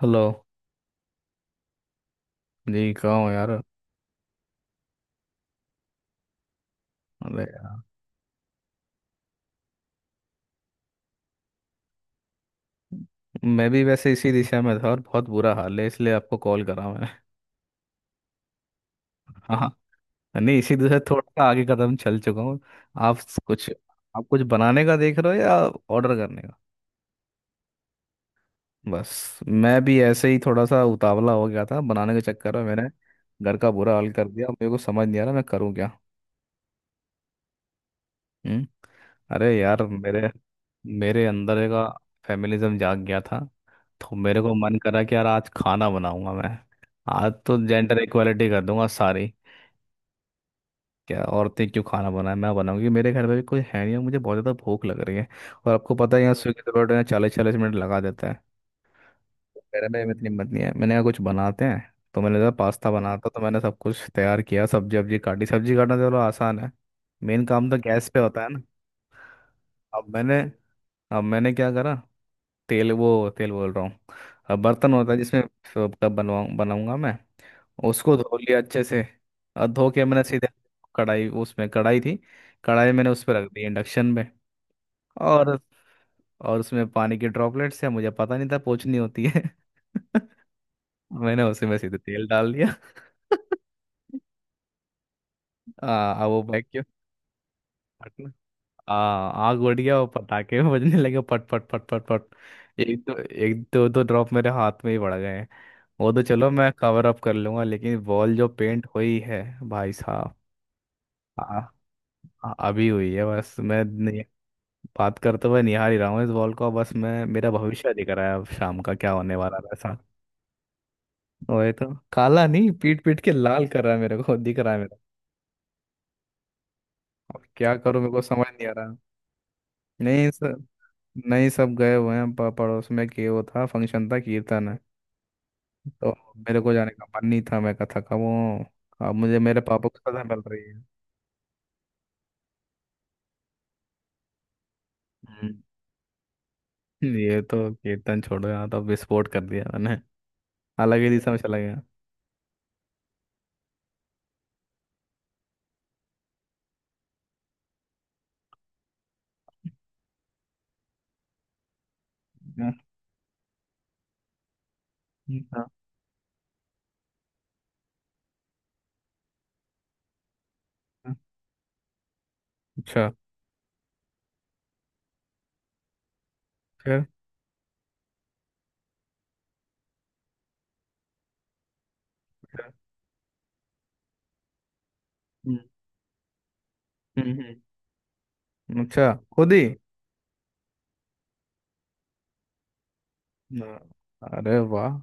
Hello. जी कहाँ हो यार? अरे यार, मैं भी वैसे इसी दिशा में था और बहुत बुरा हाल है इसलिए आपको कॉल करा मैं। हाँ हाँ। नहीं, इसी दिशा से थोड़ा सा आगे कदम चल चुका हूँ। आप कुछ आप कुछ बनाने का देख रहे हो या ऑर्डर करने का? बस मैं भी ऐसे ही थोड़ा सा उतावला हो गया था बनाने के चक्कर में। मैंने घर का बुरा हाल कर दिया। मेरे को समझ नहीं आ रहा मैं करूँ क्या। हम्म। अरे यार, मेरे मेरे अंदर का फेमिनिज्म जाग गया था। तो मेरे को मन करा कि यार आज खाना बनाऊंगा मैं। आज तो जेंडर इक्वालिटी कर दूंगा सारी। क्या औरतें क्यों खाना बनाए? मैं बनाऊंगी। मेरे घर में भी कोई है नहीं और मुझे बहुत ज़्यादा भूख लग रही है। और आपको पता है यहाँ स्विगी जोमेटो में 40-40 मिनट लगा देता है। मेरे में इतनी हिम्मत नहीं है। मैंने कहा कुछ बनाते हैं, तो मैंने कहा पास्ता बनाता। तो मैंने सब कुछ तैयार किया, सब्जी वब्जी काटी। सब्जी काटना तो चलो आसान है। मेन काम तो गैस पे होता है ना। अब मैंने अब मैंने क्या करा। तेल, वो तेल बोल रहा हूँ। अब बर्तन होता है जिसमें कब बनवाऊँ बनाऊंगा मैं। उसको धो लिया अच्छे से और धो के मैंने सीधे कढ़ाई, उसमें कढ़ाई थी। कढ़ाई मैंने उस पर रख दी इंडक्शन में। और और उसमें पानी के ड्रॉपलेट्स है, मुझे पता नहीं था पोंछनी होती है। मैंने उसी में सीधे तेल डाल दिया। अब वो बैग क्यों फटना। आग उड़ गया, वो पटाखे बजने लगे, पट पट पट पट पट। एक दो, एक दो दो ड्रॉप मेरे हाथ में ही पड़ गए हैं। वो तो चलो मैं कवर अप कर लूंगा, लेकिन वॉल जो पेंट हुई है भाई साहब। आ, आ- अभी हुई है बस। मैं बात करते हुए निहार ही रहा हूँ इस बॉल को। बस मैं, मेरा भविष्य दिख रहा है अब शाम का क्या होने वाला है ऐसा। वही तो। काला नहीं, पीट पीट के लाल कर रहा है मेरे को दिख रहा है मेरा। अब क्या करूँ मेरे को समझ नहीं आ रहा। नहीं सर। नहीं, सब गए हुए हैं पड़ोस में, कि वो था फंक्शन था कीर्तन है। तो मेरे को जाने का मन नहीं था, मैं कहा थका हुआ हूं। अब मुझे मेरे पापा को सजा मिल रही है। हम्म। ये तो कीर्तन छोड़ो, यहाँ तो विस्फोट कर दिया मैंने। अलग ही दिशा में चला गया। हाँ, हाँ, हाँ। अच्छा। फिर फिर? हम्म। अच्छा खुद ही। हाँ। अरे वाह।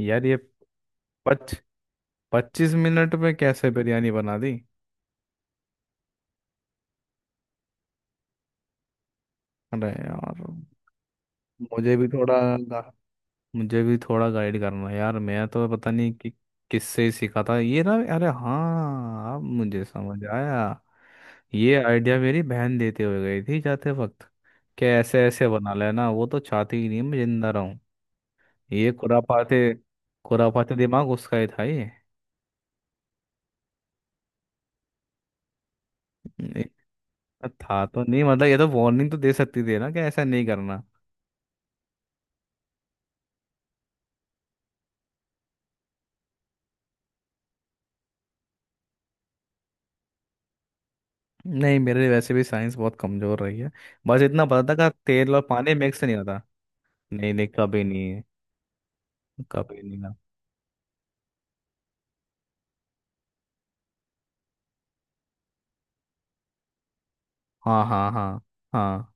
यार ये पच 25 मिनट में कैसे बिरयानी बना दी? अरे यार, मुझे भी थोड़ा गा- मुझे भी थोड़ा गाइड करना यार। मैं तो पता नहीं कि किससे ही सीखा था ये ना। अरे हाँ अब मुझे समझ आया। ये आइडिया मेरी बहन देते हुए गई थी जाते वक्त, कि ऐसे ऐसे बना लेना। वो तो चाहती ही नहीं मैं जिंदा रहूं। ये खुरापाते खुरापाते दिमाग उसका ही था ये। था तो नहीं, मतलब ये तो वार्निंग तो दे सकती थी ना कि ऐसा नहीं करना। नहीं, मेरे वैसे भी साइंस बहुत कमजोर रही है। बस इतना पता था कि तेल और पानी मिक्स नहीं होता। नहीं नहीं, कभी नहीं। कभी नहीं ना। हाँ हाँ हाँ हाँ।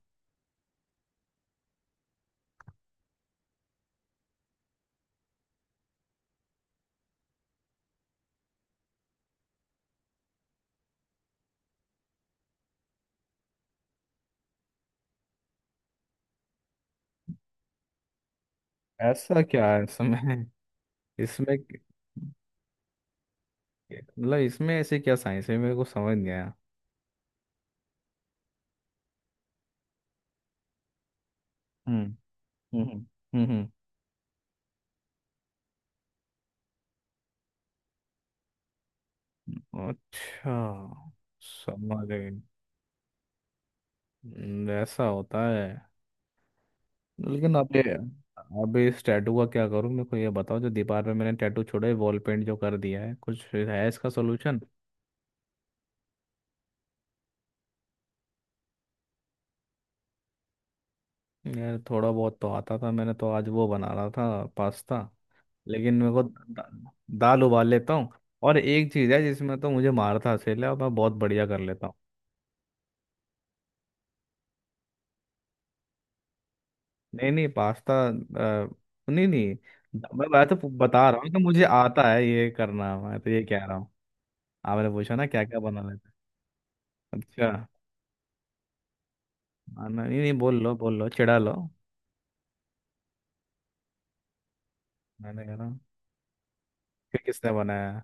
ऐसा क्या है इसमें? इसमें क- मतलब इसमें ऐसे क्या साइंस है मेरे को समझ नहीं आया। हम्म हम्म हम्म अच्छा, समझ गए। ऐसा होता है। लेकिन अब ये, अब इस टैटू का क्या करूँ? मेरे को ये बताओ, जो दीवार पे मैंने टैटू छोड़ा है, वॉल पेंट जो कर दिया है, कुछ है इसका सोल्यूशन? यार थोड़ा बहुत तो आता था। मैंने तो आज वो बना रहा था पास्ता। लेकिन मेरे को दाल उबाल लेता हूँ, और एक चीज़ है जिसमें तो मुझे मारता हसेला है और मैं बहुत बढ़िया कर लेता हूँ। नहीं नहीं, पास्ता नहीं नहीं मैं तो बता रहा हूँ कि मुझे आता है ये करना। मैं तो ये कह रहा हूँ, आपने पूछा ना क्या क्या बना लेते हैं। अच्छा। हाँ, नहीं नहीं, बोल लो बोल लो, चिढ़ा लो। मैंने कहा ना कि किसने बनाया है?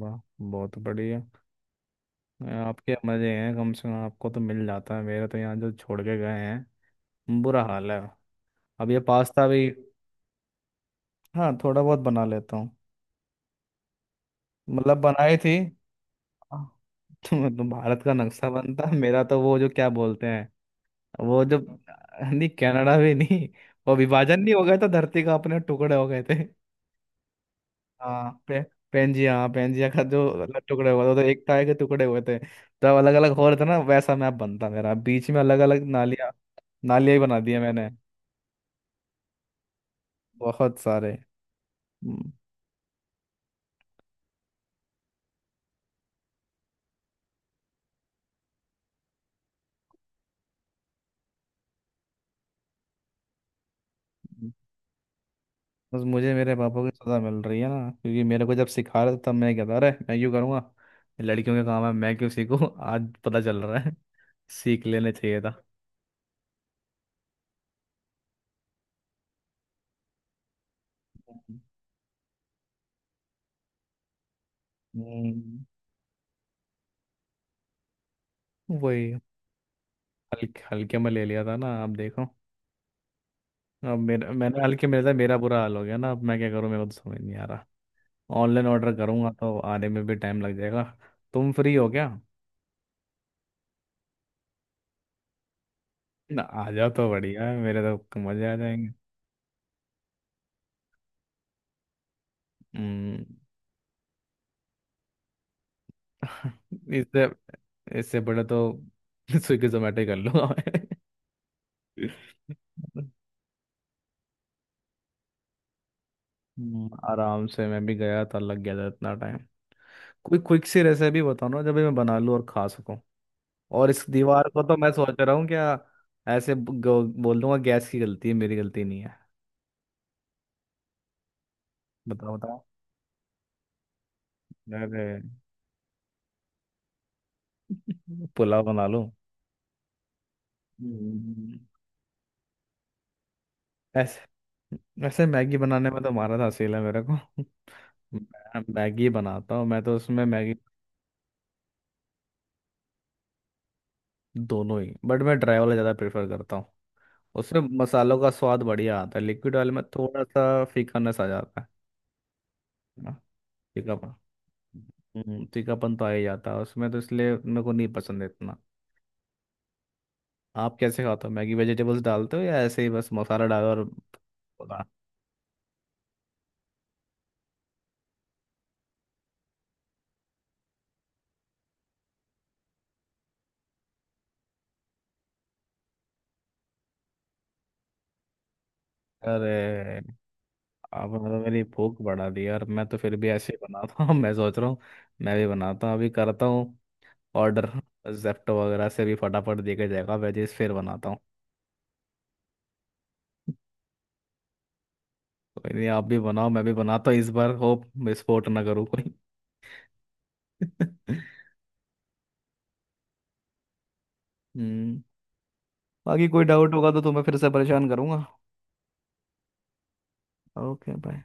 वाह बहुत बढ़िया। आपके मजे हैं, कम से कम आपको तो मिल जाता है, मेरे तो यहाँ जो छोड़ के गए हैं बुरा हाल है। अब ये पास्ता भी। हाँ, थोड़ा बहुत बना लेता हूँ। मतलब बनाई थी तो, भारत का नक्शा बनता मेरा। तो वो जो क्या बोलते हैं, वो जो, नहीं कनाडा भी नहीं, वो विभाजन नहीं हो गया था धरती का, अपने टुकड़े हो गए थे। हाँ पे, पेंजिया, हाँ पेंजिया का जो अलग टुकड़े हुए थे, वो तो एक ताए के टुकड़े हुए थे। तब अलग अलग हो रहे थे ना, वैसा मैप बनता मेरा, बीच में अलग अलग नालियाँ, नालियाँ ही बना दिए मैंने बहुत सारे। हम्म, बस मुझे मेरे पापा की सजा मिल रही है ना, क्योंकि मेरे को जब सिखा रहे थे तब मैं कहता अरे मैं क्यों करूँगा, ये लड़कियों का काम है मैं क्यों सीखूं। आज पता चल रहा है सीख लेने चाहिए था। हम्म, वही। हल्के हल्के में ले लिया था ना आप देखो। अब मेरा, मैंने हल्के में लिया था, मेरा बुरा हाल हो गया ना। अब मैं क्या करूँ मेरे को तो समझ नहीं आ रहा। ऑनलाइन ऑर्डर करूंगा तो आने में भी टाइम लग जाएगा। तुम फ्री हो क्या? ना आ जाओ तो बढ़िया है, मेरे तो मजे आ जाएंगे। हम्म। इससे इससे बड़ा तो स्विगी जोमेटो ही कर लूंगा मैं। आराम से। मैं भी गया था, लग गया था इतना टाइम। कोई क्विक सी रेसिपी बताओ ना जब मैं बना लूं और खा सकूं। और इस दीवार को तो मैं सोच रहा हूँ, क्या ऐसे बोल दूंगा गैस की गलती है, मेरी गलती नहीं है। बताओ बताओ। अरे पुलाव बना लूं। हम्म। ऐसे, वैसे मैगी बनाने में तो मारा था असील है मेरे को। मैं मैगी बनाता हूँ मैं, तो उसमें मैगी दोनों ही, बट मैं ड्राई वाला ज़्यादा प्रेफर करता हूँ। उसमें मसालों का स्वाद बढ़िया आता है, लिक्विड वाले में थोड़ा सा फीकानेस आ जाता है ना। फीकापन। फीकापन तो आ ही जाता है उसमें, तो इसलिए मेरे को नहीं पसंद है इतना। आप कैसे खाते हो मैगी? वेजिटेबल्स डालते हो या ऐसे ही बस मसाला डालो? और अरे, आपने तो मेरी भूख बढ़ा दी यार। मैं तो फिर भी ऐसे ही बनाता हूँ। मैं सोच रहा हूँ मैं भी बनाता हूँ अभी। करता हूँ ऑर्डर। जेप्टो वगैरह से भी फटाफट देके जाएगा वेजेस, फिर बनाता हूँ। कोई नहीं, आप भी बनाओ मैं भी बनाता हूँ। इस बार होप विस्फोट ना करूँ कोई। हम्म। बाकी कोई डाउट होगा तो तुम्हें फिर से परेशान करूंगा। Okay bye.